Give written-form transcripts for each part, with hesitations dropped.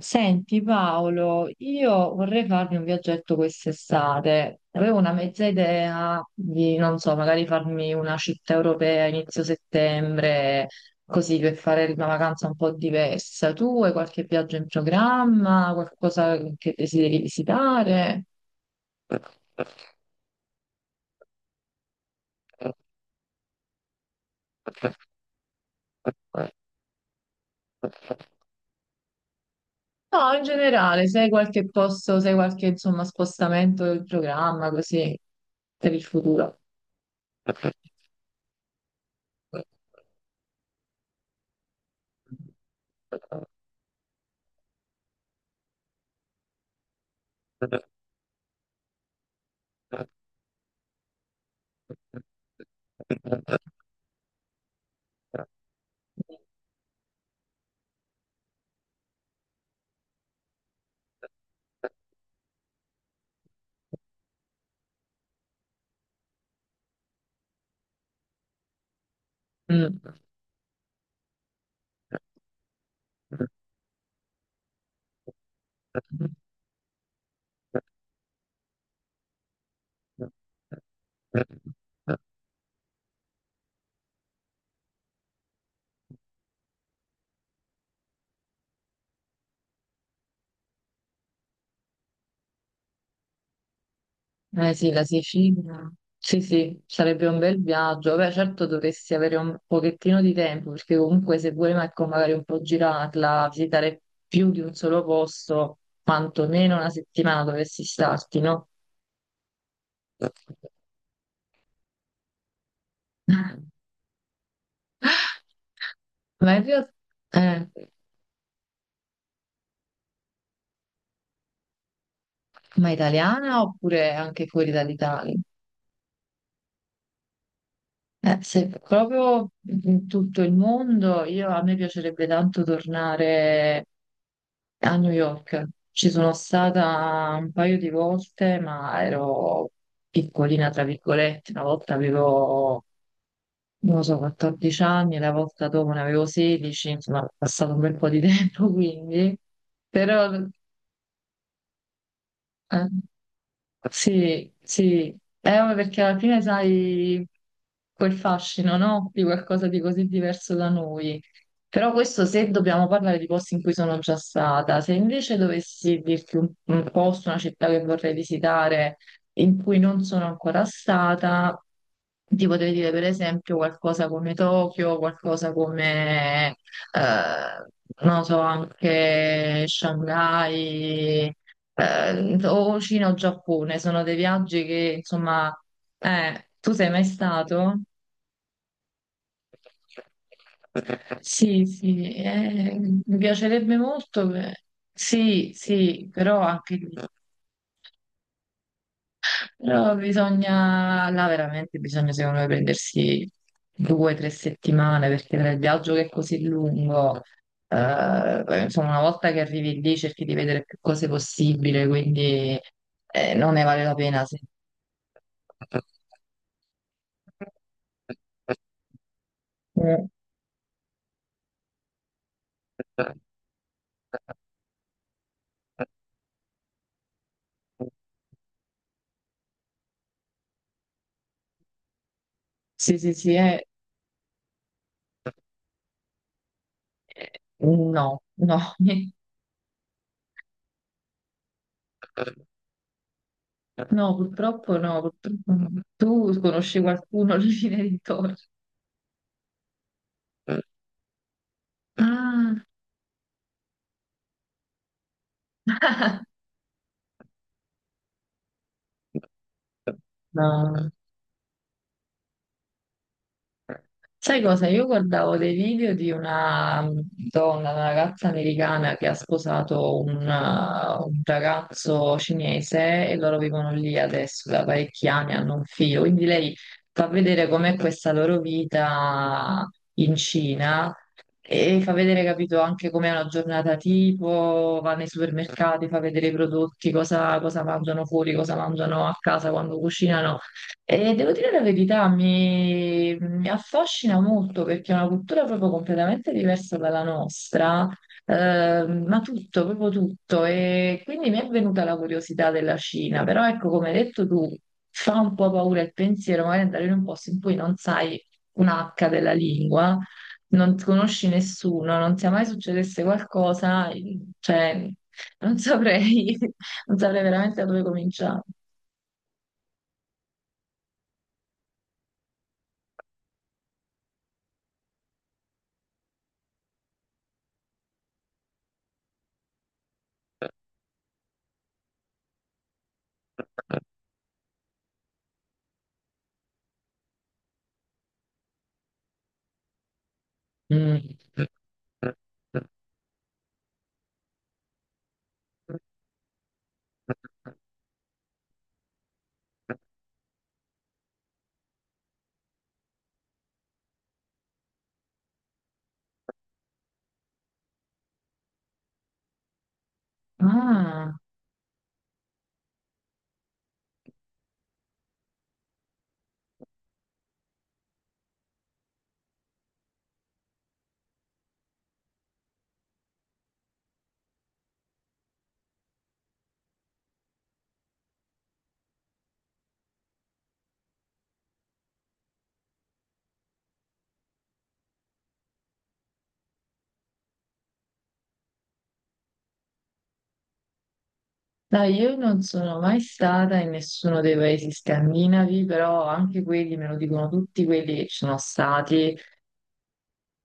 Senti Paolo, io vorrei farmi un viaggetto quest'estate. Avevo una mezza idea di, non so, magari farmi una città europea a inizio settembre, così per fare una vacanza un po' diversa. Tu hai qualche viaggio in programma, qualcosa che desideri visitare? No, in generale, se hai qualche posto, se hai qualche, insomma, spostamento del programma, così, per il futuro. Mm. Eh sì, la Sicilia. Sì, sì, sarebbe un bel viaggio. Beh, certo dovresti avere un pochettino di tempo, perché comunque se vuoi ecco, magari un po' girarla, visitare più di un solo posto, quantomeno una settimana dovresti starti, no? Ma in realtà, eh, ma italiana oppure anche fuori dall'Italia? Se proprio in tutto il mondo, io, a me piacerebbe tanto tornare a New York. Ci sono stata un paio di volte, ma ero piccolina, tra virgolette. Una volta avevo, non lo so, 14 anni, la volta dopo ne avevo 16, insomma, è passato un bel po' di tempo, quindi. Però, eh, sì, sì, ma perché alla fine sai quel fascino, no? Di qualcosa di così diverso da noi. Però questo se dobbiamo parlare di posti in cui sono già stata, se invece dovessi dirti un posto, una città che vorrei visitare, in cui non sono ancora stata, ti potrei dire per esempio qualcosa come Tokyo, qualcosa come, eh, non so, anche Shanghai, o Cina o Giappone, sono dei viaggi che insomma, tu sei mai stato? Sì, sì, mi piacerebbe molto, sì, sì, però anche lì. Però bisogna, là veramente bisogna secondo me prendersi due o tre settimane perché tra il viaggio che è così lungo, insomma una volta che arrivi lì cerchi di vedere più cose possibile, quindi non ne vale la pena. Sì, mm, sì, sì, sì, no, no, no, purtroppo no, purtroppo no. Tu conosci qualcuno alla fine di Torre? Ah, no. Sai cosa? Io guardavo dei video di una donna, una ragazza americana che ha sposato un ragazzo cinese e loro vivono lì adesso da parecchi anni, hanno un figlio. Quindi lei fa vedere com'è questa loro vita in Cina e fa vedere, capito, anche com'è una giornata tipo, va nei supermercati, fa vedere i prodotti, cosa mangiano fuori, cosa mangiano a casa quando cucinano. E devo dire la verità, mi affascina molto perché è una cultura proprio completamente diversa dalla nostra, ma tutto, proprio tutto. E quindi mi è venuta la curiosità della Cina, però ecco, come hai detto tu, fa un po' paura il pensiero, magari andare in un posto in cui non sai un H della lingua, non conosci nessuno, non sia mai succedesse qualcosa, cioè, non saprei, non saprei veramente da dove cominciare. Mm. Ah. No, io non sono mai stata in nessuno dei paesi scandinavi, però anche quelli me lo dicono tutti quelli che ci sono stati,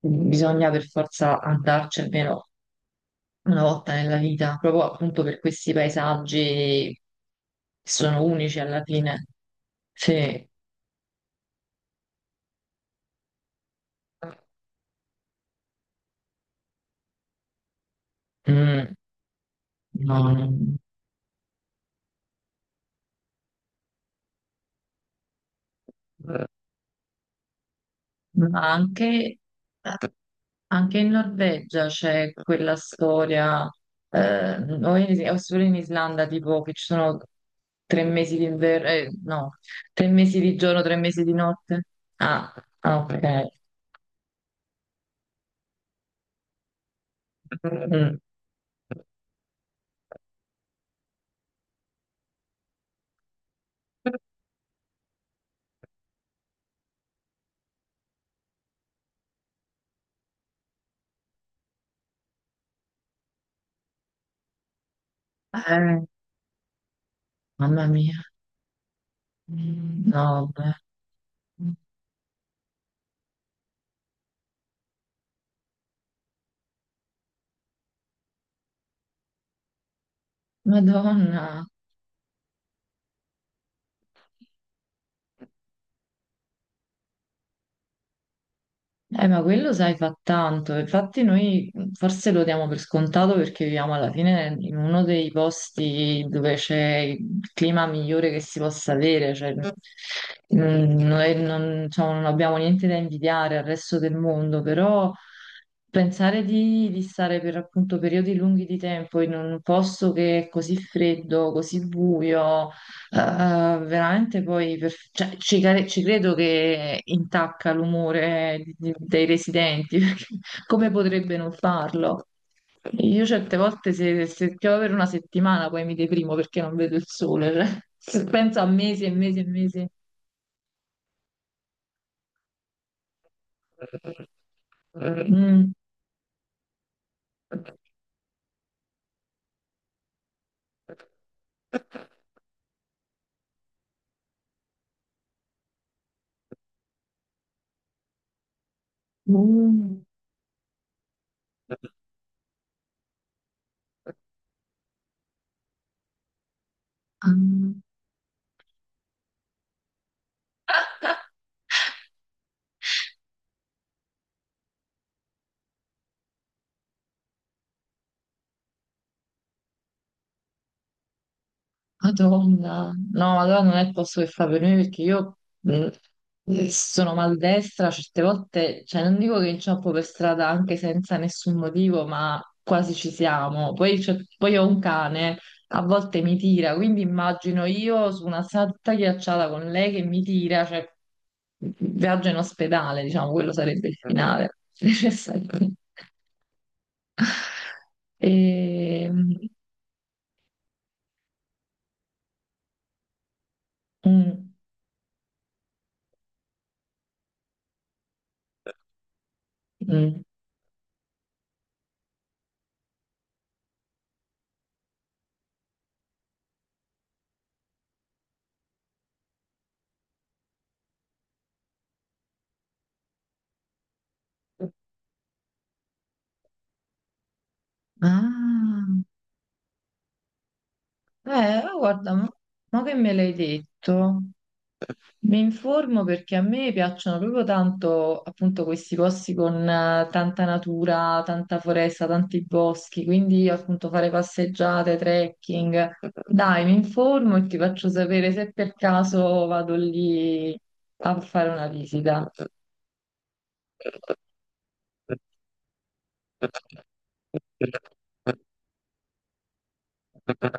bisogna per forza andarci almeno una volta nella vita, proprio appunto per questi paesaggi che sono unici alla fine. Sì. Mm, no, no. Ma anche Anche in Norvegia c'è quella storia, eh, o solo in Islanda, tipo che ci sono tre mesi di inverno, no, tre mesi di giorno, tre mesi di notte. Ah, ah, ok. Mm. Eh, mamma mia. No, beh. Madonna. Ma quello sai fa tanto, infatti noi mm, forse lo diamo per scontato perché viviamo alla fine in uno dei posti dove c'è il clima migliore che si possa avere, cioè, mm, noi non, diciamo, non abbiamo niente da invidiare al resto del mondo, però pensare di stare per appunto periodi lunghi di tempo in un posto che è così freddo, così buio. Eh, veramente poi cioè, ci credo che intacca l'umore dei residenti, perché come potrebbe non farlo? Io certe volte se piove per una settimana poi mi deprimo perché non vedo il sole, cioè, se penso a mesi e mesi e mesi. Mm. Mm. Madonna, no, allora non è il posto che fa per me perché io sono maldestra, certe volte, cioè non dico che inciampo per strada anche senza nessun motivo, ma quasi ci siamo. Poi, poi ho un cane, a volte mi tira, quindi immagino io su una strada tutta ghiacciata con lei che mi tira, cioè viaggio in ospedale, diciamo, quello sarebbe il finale necessario. E... mm, mm. Ah. Ma guarda, mo che me l'hai detto, mi informo perché a me piacciono proprio tanto appunto questi posti con tanta natura, tanta foresta, tanti boschi, quindi appunto fare passeggiate, trekking. Dai, mi informo e ti faccio sapere se per caso vado lì a fare una visita.